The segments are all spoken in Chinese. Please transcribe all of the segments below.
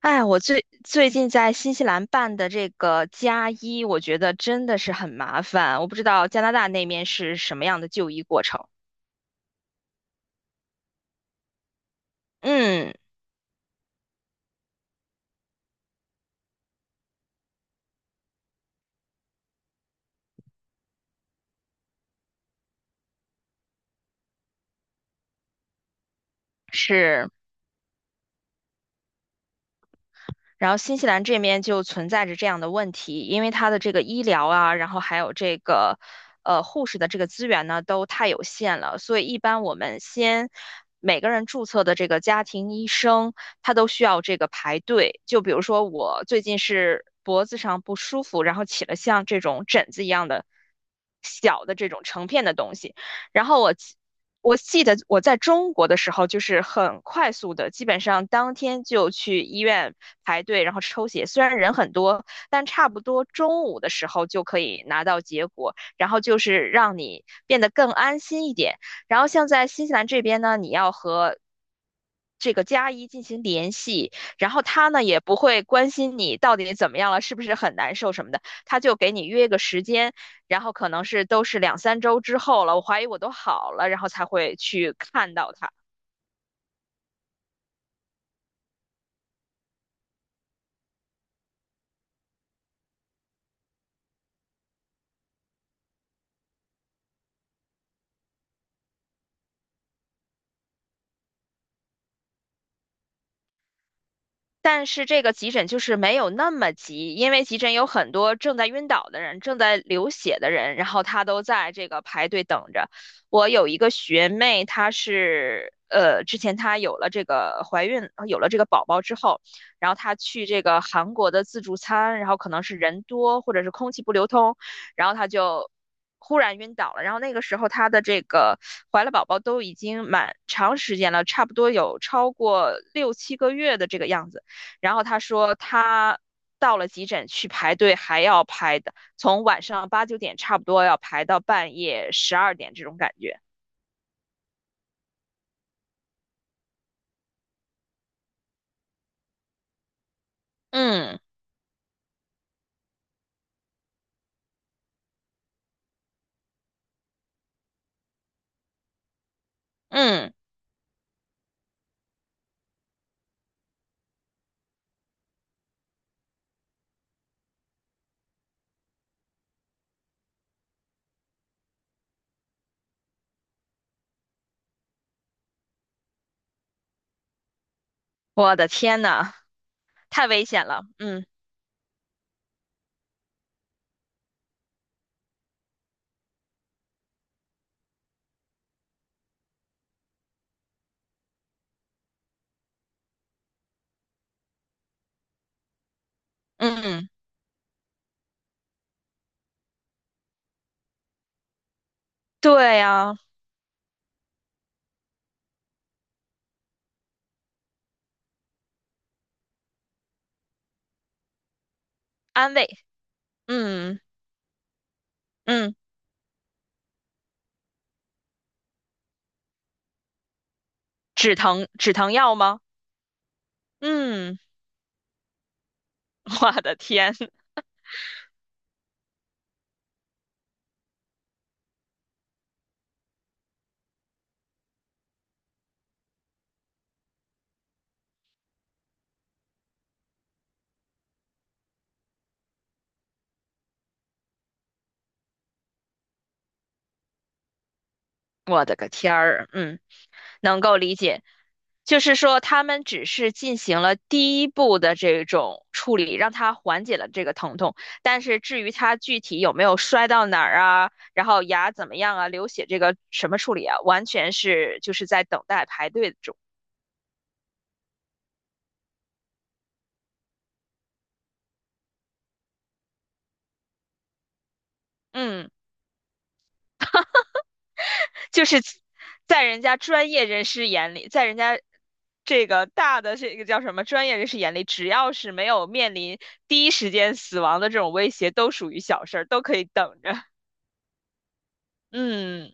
哎，我最近在新西兰办的这个加一，我觉得真的是很麻烦。我不知道加拿大那边是什么样的就医过程。嗯，是。然后新西兰这边就存在着这样的问题，因为它的这个医疗啊，然后还有这个护士的这个资源呢，都太有限了，所以一般我们先每个人注册的这个家庭医生，他都需要这个排队。就比如说我最近是脖子上不舒服，然后起了像这种疹子一样的小的这种成片的东西。然后我记得我在中国的时候，就是很快速的，基本上当天就去医院排队，然后抽血。虽然人很多，但差不多中午的时候就可以拿到结果，然后就是让你变得更安心一点。然后像在新西兰这边呢，你要和这个加一进行联系，然后他呢也不会关心你到底怎么样了，是不是很难受什么的，他就给你约个时间。然后可能是都是2 3周之后了，我怀疑我都好了，然后才会去看到它。但是这个急诊就是没有那么急，因为急诊有很多正在晕倒的人、正在流血的人，然后他都在这个排队等着。我有一个学妹，她是之前她有了这个怀孕，有了这个宝宝之后，然后她去这个韩国的自助餐，然后可能是人多或者是空气不流通，然后她就忽然晕倒了。然后那个时候她的这个怀了宝宝都已经蛮长时间了，差不多有超过6 7个月的这个样子。然后他说他到了急诊去排队，还要排的，从晚上8 9点差不多要排到半夜12点这种感觉。嗯嗯，我的天呐，太危险了。嗯嗯，对呀，安慰。嗯嗯，止疼药吗？嗯，我的天。我的个天儿，嗯，能够理解，就是说他们只是进行了第一步的这种处理，让他缓解了这个疼痛，但是至于他具体有没有摔到哪儿啊，然后牙怎么样啊，流血这个什么处理啊，完全是就是在等待排队中，嗯。就是在人家专业人士眼里，在人家这个大的这个叫什么专业人士眼里，只要是没有面临第一时间死亡的这种威胁，都属于小事儿，都可以等着。嗯，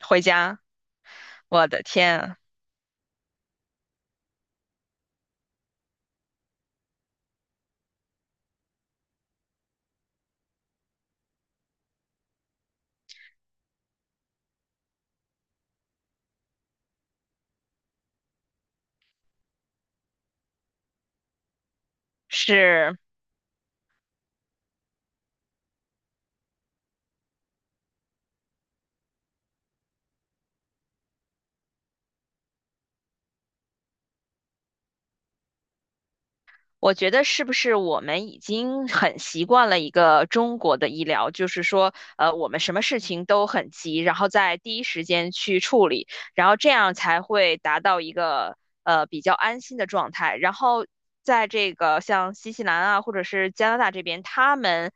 回家，我的天啊，是。我觉得是不是我们已经很习惯了一个中国的医疗，就是说，我们什么事情都很急，然后在第一时间去处理，然后这样才会达到一个比较安心的状态。然后在这个像新西兰啊，或者是加拿大这边，他们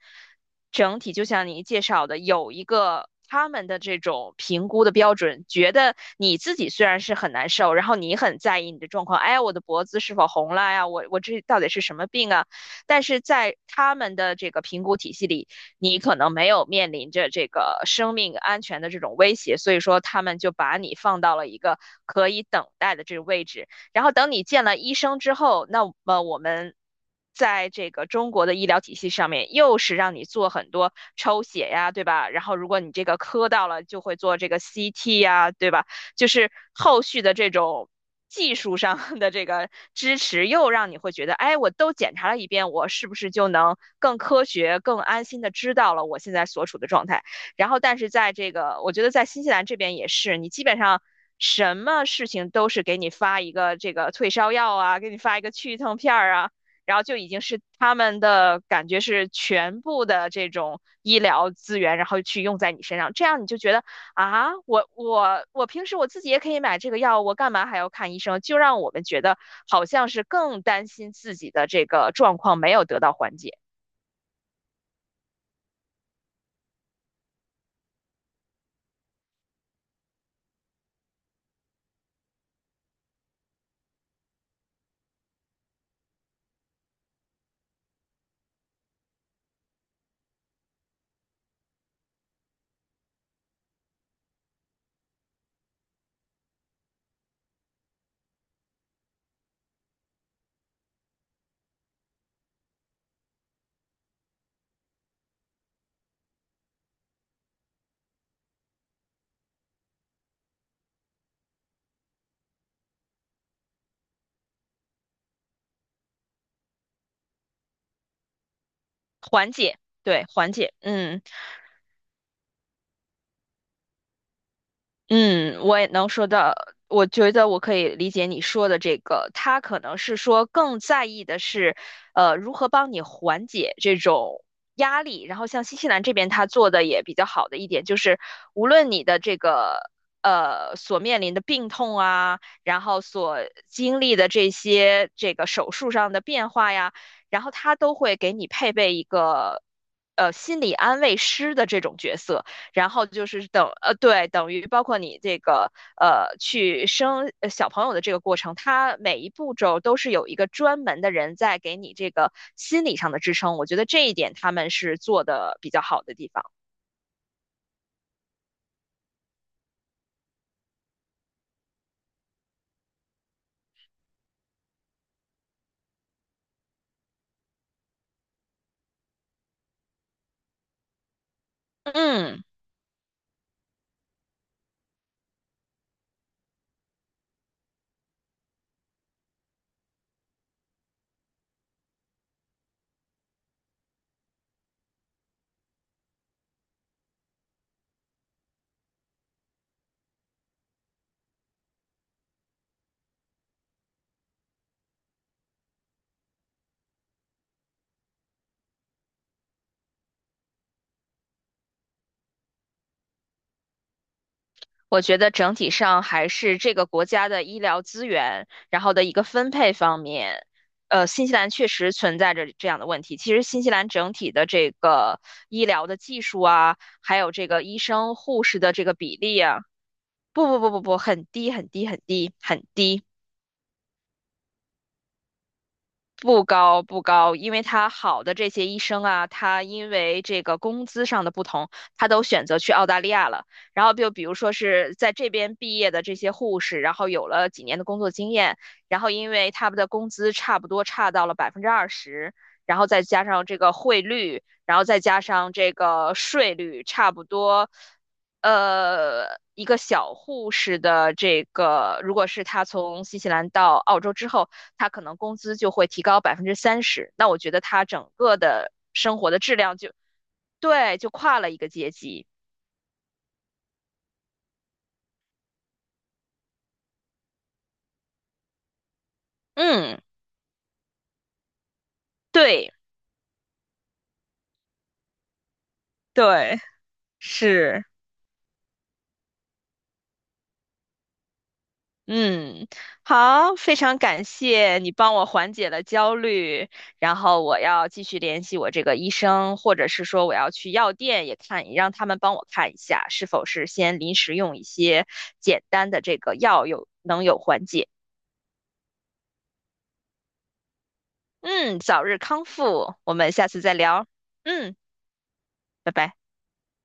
整体就像你介绍的，有一个他们的这种评估的标准，觉得你自己虽然是很难受，然后你很在意你的状况，哎，我的脖子是否红了呀？我这到底是什么病啊？但是在他们的这个评估体系里，你可能没有面临着这个生命安全的这种威胁，所以说他们就把你放到了一个可以等待的这个位置。然后等你见了医生之后，那么我们。在这个中国的医疗体系上面，又是让你做很多抽血呀，对吧？然后如果你这个磕到了，就会做这个 CT 呀，对吧？就是后续的这种技术上 的这个支持，又让你会觉得，哎，我都检查了一遍，我是不是就能更科学、更安心的知道了我现在所处的状态？然后，但是在这个，我觉得在新西兰这边也是，你基本上。什么事情都是给你发一个这个退烧药啊，给你发一个去痛片儿啊，然后就已经是他们的感觉是全部的这种医疗资源，然后去用在你身上，这样你就觉得啊，我平时我自己也可以买这个药，我干嘛还要看医生？就让我们觉得好像是更担心自己的这个状况没有得到缓解，缓解，对，缓解，嗯。嗯，我也能说到，我觉得我可以理解你说的这个，他可能是说更在意的是，如何帮你缓解这种压力。然后像新西兰这边，他做的也比较好的一点就是，无论你的这个所面临的病痛啊，然后所经历的这些这个手术上的变化呀，然后他都会给你配备一个心理安慰师的这种角色。然后就是等对，等于包括你这个去生小朋友的这个过程，它每一步骤都是有一个专门的人在给你这个心理上的支撑。我觉得这一点他们是做的比较好的地方。嗯，我觉得整体上还是这个国家的医疗资源，然后的一个分配方面。新西兰确实存在着这样的问题。其实，新西兰整体的这个医疗的技术啊，还有这个医生、护士的这个比例啊，不不不不不，很低很低很低很低，不高不高，因为他好的这些医生啊，他因为这个工资上的不同，他都选择去澳大利亚了。然后就比如说是在这边毕业的这些护士，然后有了几年的工作经验，然后因为他们的工资差不多差到了20%，然后再加上这个汇率，然后再加上这个税率差不多，一个小护士的这个，如果是他从新西兰到澳洲之后，他可能工资就会提高30%，那我觉得他整个的生活的质量就，对，就跨了一个阶级。嗯，对对，是。嗯，好，非常感谢你帮我缓解了焦虑，然后我要继续联系我这个医生，或者是说我要去药店也看，让他们帮我看一下，是否是先临时用一些简单的这个药有能有缓解。嗯，早日康复，我们下次再聊。嗯，拜拜。